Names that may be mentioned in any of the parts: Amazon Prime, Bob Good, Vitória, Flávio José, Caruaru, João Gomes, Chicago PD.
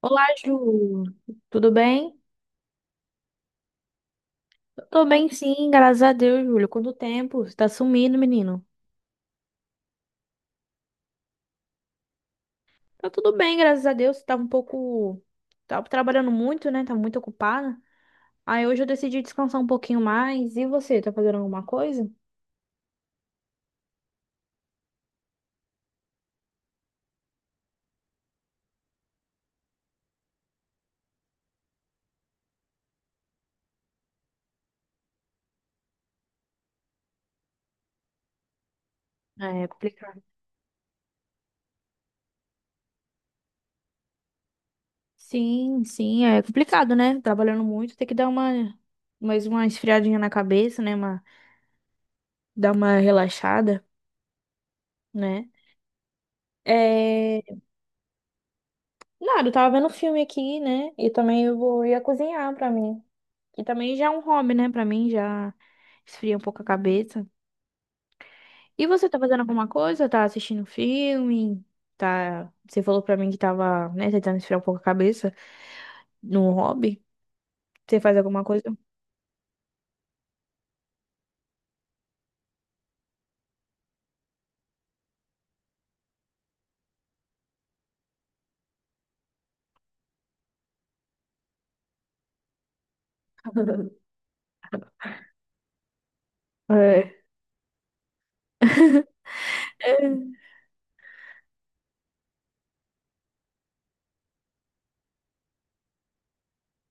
Olá, Ju. Tudo bem? Eu tô bem, sim, graças a Deus, Júlio. Quanto tempo? Você tá sumindo, menino? Tá tudo bem, graças a Deus. Você tava um pouco. Tava trabalhando muito, né? Tava muito ocupada. Aí hoje eu decidi descansar um pouquinho mais. E você, tá fazendo alguma coisa? É complicado. Sim, sim, é complicado, né? Trabalhando muito, tem que dar uma. Mais uma esfriadinha na cabeça, né? Uma... Dar uma relaxada, né? É... Nada, eu tava vendo filme aqui, né? E também eu vou ia cozinhar pra mim. Que também já é um hobby, né? Pra mim já esfria um pouco a cabeça. E você tá fazendo alguma coisa? Tá assistindo filme? Tá... Você falou pra mim que tava, né, tentando esfriar um pouco a cabeça no hobby. Você faz alguma coisa? É. É.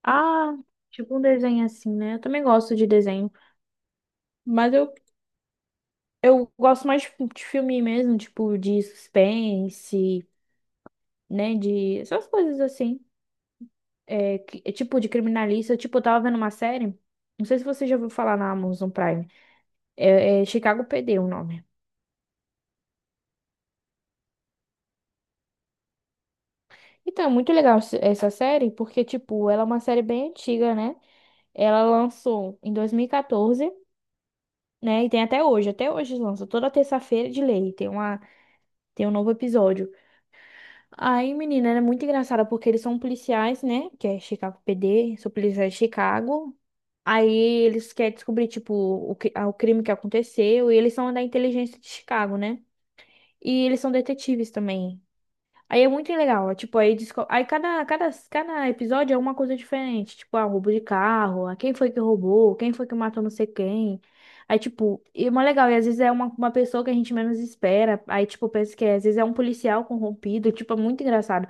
Ah, tipo um desenho assim, né? Eu também gosto de desenho. Mas eu gosto mais de filme mesmo, tipo de suspense, né? De essas coisas assim. É, é tipo de criminalista. Tipo, eu tava vendo uma série. Não sei se você já ouviu falar na Amazon Prime. É, é Chicago PD o nome. Então, é muito legal essa série, porque, tipo, ela é uma série bem antiga, né? Ela lançou em 2014, né? E tem até hoje. Até hoje lança. Toda terça-feira de lei. Tem um novo episódio. Aí, menina, era muito engraçada porque eles são policiais, né? Que é Chicago PD, são policiais de Chicago. Aí eles querem descobrir, tipo, o crime que aconteceu. E eles são da inteligência de Chicago, né? E eles são detetives também. Aí é muito legal, ó, tipo, aí, aí cada episódio é uma coisa diferente, tipo, ah, roubo de carro, ah, quem foi que roubou, quem foi que matou não sei quem, aí, tipo, e é mó legal, e às vezes é uma pessoa que a gente menos espera, aí, tipo, pensa que é, às vezes é um policial corrompido, tipo, é muito engraçado,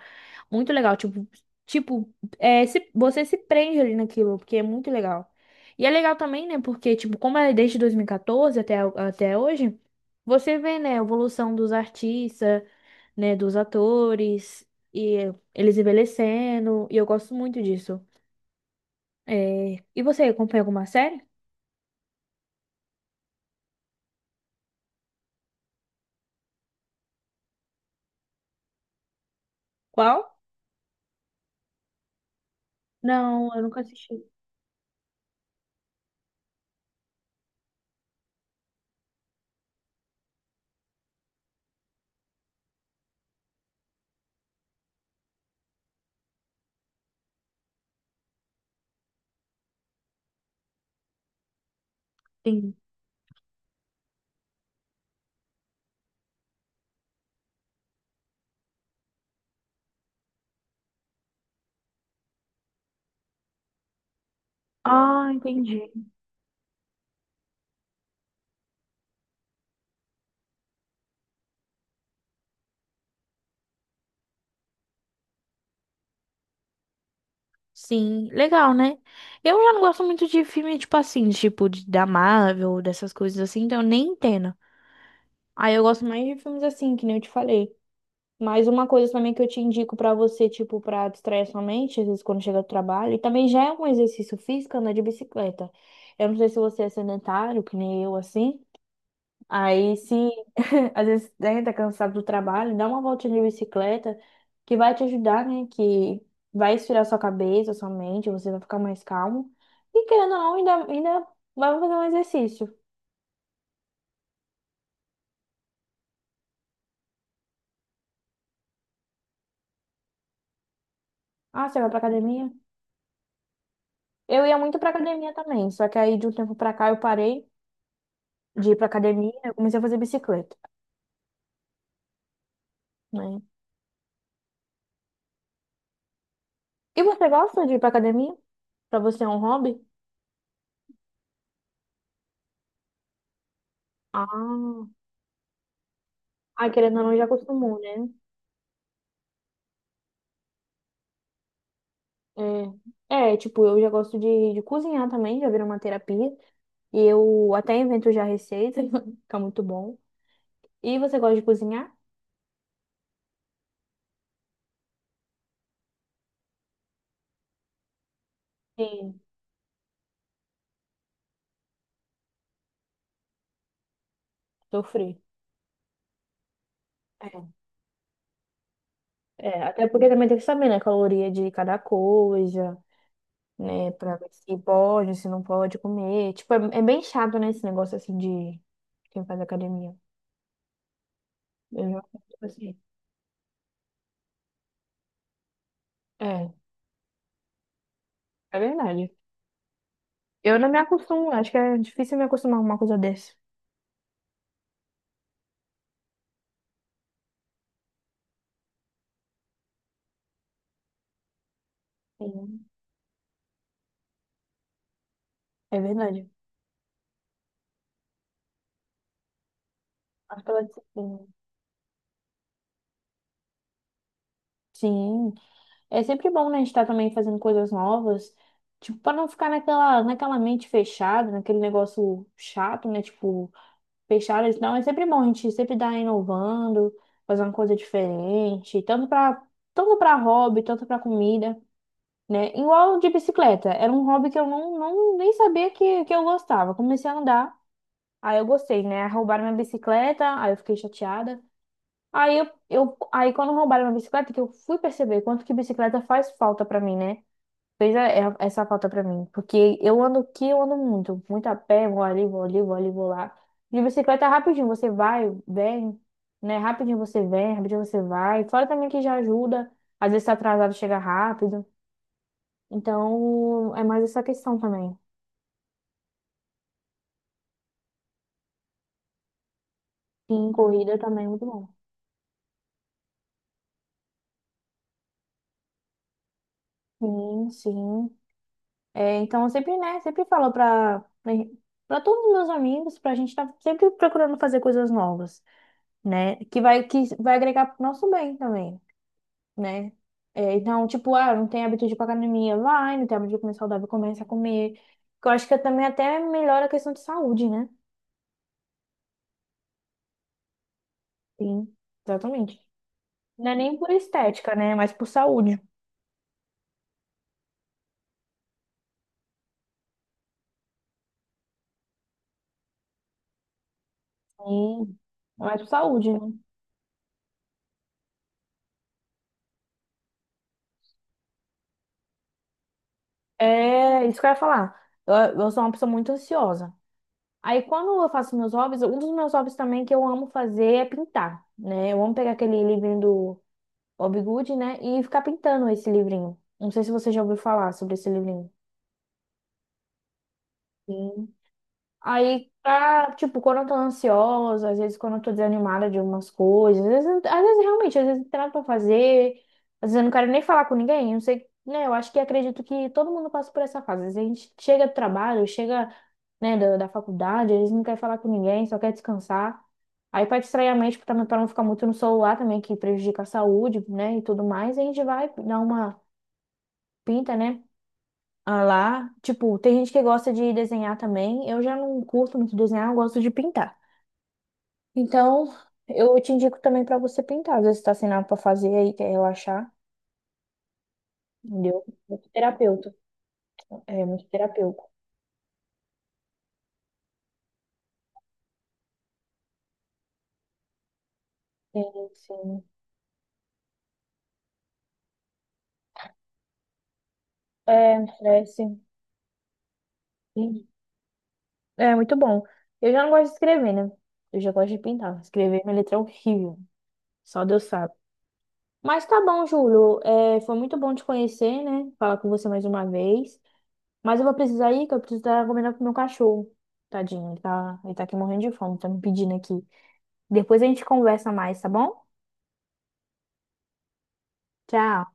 muito legal, tipo, tipo, é, se, você se prende ali naquilo, porque é muito legal. E é legal também, né, porque, tipo, como é desde 2014 até hoje, você vê, né, a evolução dos artistas, né, dos atores e eles envelhecendo, e eu gosto muito disso. É, e você acompanha alguma série? Qual? Não, eu nunca assisti. Sim. Ah, entendi. Sim, legal, né? Eu já não gosto muito de filme, tipo assim, tipo da Marvel, dessas coisas assim, então eu nem entendo. Aí eu gosto mais de filmes assim, que nem eu te falei. Mas uma coisa também que eu te indico pra você, tipo, pra distrair sua mente, às vezes quando chega do trabalho, e também já é um exercício físico andar de bicicleta. Eu não sei se você é sedentário, que nem eu, assim. Aí, se às vezes né, tá cansado do trabalho, dá uma voltinha de bicicleta, que vai te ajudar, né? Que vai esfriar sua cabeça, sua mente, você vai ficar mais calmo. E querendo ou não, ainda vai fazer um exercício. Ah, você vai pra academia? Eu ia muito pra academia também, só que aí de um tempo pra cá eu parei de ir pra academia, eu comecei a fazer bicicleta, né? E você gosta de ir pra academia? Pra você é um hobby? Ah, ah, querendo ou não, já acostumou, né? É, tipo, eu já gosto de cozinhar também, já virou uma terapia. E eu até invento já receita, fica muito bom. E você gosta de cozinhar? Sim, sofri. É, é, até porque também tem que saber, né, a caloria de cada coisa, né, pra ver se pode, se não pode comer. Tipo, é, é bem chato, né, esse negócio assim de quem faz academia. Eu, tipo assim, é, é verdade. Eu não me acostumo, acho que é difícil me acostumar com uma coisa dessa. Sim, é verdade. Mas pela disciplina. Sim, é sempre bom, né, a gente estar também fazendo coisas novas, tipo, para não ficar naquela, mente fechada, naquele negócio chato, né, tipo, fechado, não, é sempre bom a gente sempre estar inovando, fazer uma coisa diferente, tanto para hobby, tanto para comida. Né? Igual de bicicleta, era um hobby que eu não nem sabia que eu gostava. Comecei a andar, aí eu gostei, né? Roubaram minha bicicleta, aí eu fiquei chateada. Aí eu aí quando roubaram minha bicicleta, que eu fui perceber quanto que bicicleta faz falta pra mim, né? Fez essa falta pra mim, porque eu ando aqui, eu ando muito, muito a pé, vou ali, vou ali, vou ali, vou lá. De bicicleta é rapidinho, você vai, vem, né? Rapidinho você vem, rapidinho você vai. Fora também que já ajuda, às vezes tá atrasado, chega rápido. Então, é mais essa questão também. Sim, corrida também é muito bom. Sim, sim. É, então, eu sempre, né, sempre falo para todos os meus amigos, para a gente estar sempre procurando fazer coisas novas, né? Que vai agregar pro nosso bem também, né? É, então, tipo, ah, não tem hábito de ir pra academia, vai, não tem hábito de comer saudável, começa a comer. Que eu acho que também até melhora a questão de saúde, né? Sim, exatamente. Não é nem por estética, né? Mas por saúde. Sim, é mais por saúde, né? É isso que eu ia falar. Eu sou uma pessoa muito ansiosa. Aí, quando eu faço meus hobbies, um dos meus hobbies também que eu amo fazer é pintar, né? Eu amo pegar aquele livrinho do Bob Good, né? E ficar pintando esse livrinho. Não sei se você já ouviu falar sobre esse livrinho. Sim. Aí, tipo, quando eu tô ansiosa, às vezes quando eu tô desanimada de algumas coisas, às vezes, realmente, às vezes não tem nada pra fazer, às vezes eu não quero nem falar com ninguém, não sei, né? Eu acho que acredito que todo mundo passa por essa fase. Às vezes a gente chega do trabalho, chega, né, da faculdade, às vezes não quer falar com ninguém, só quer descansar. Aí, pra distrair a mente, pra não ficar muito no celular também, que prejudica a saúde, né, e tudo mais, a gente vai dar uma pinta, né? ah, lá. Tipo, tem gente que gosta de desenhar também. Eu já não curto muito desenhar, eu gosto de pintar. Então, eu te indico também pra você pintar. Às vezes tá sem nada pra fazer aí, quer relaxar, entendeu? Muito terapeuta. É, muito terapêutico. Sim, sim. É, não estresse. Sim. É muito bom. Eu já não gosto de escrever, né? Eu já gosto de pintar. Escrever minha letra é horrível. Só Deus sabe. Mas tá bom, Júlio. É, foi muito bom te conhecer, né? Falar com você mais uma vez. Mas eu vou precisar ir, que eu preciso estar comendo com o meu cachorro. Tadinho, ele tá aqui morrendo de fome, tá me pedindo aqui. Depois a gente conversa mais, tá bom? Tchau.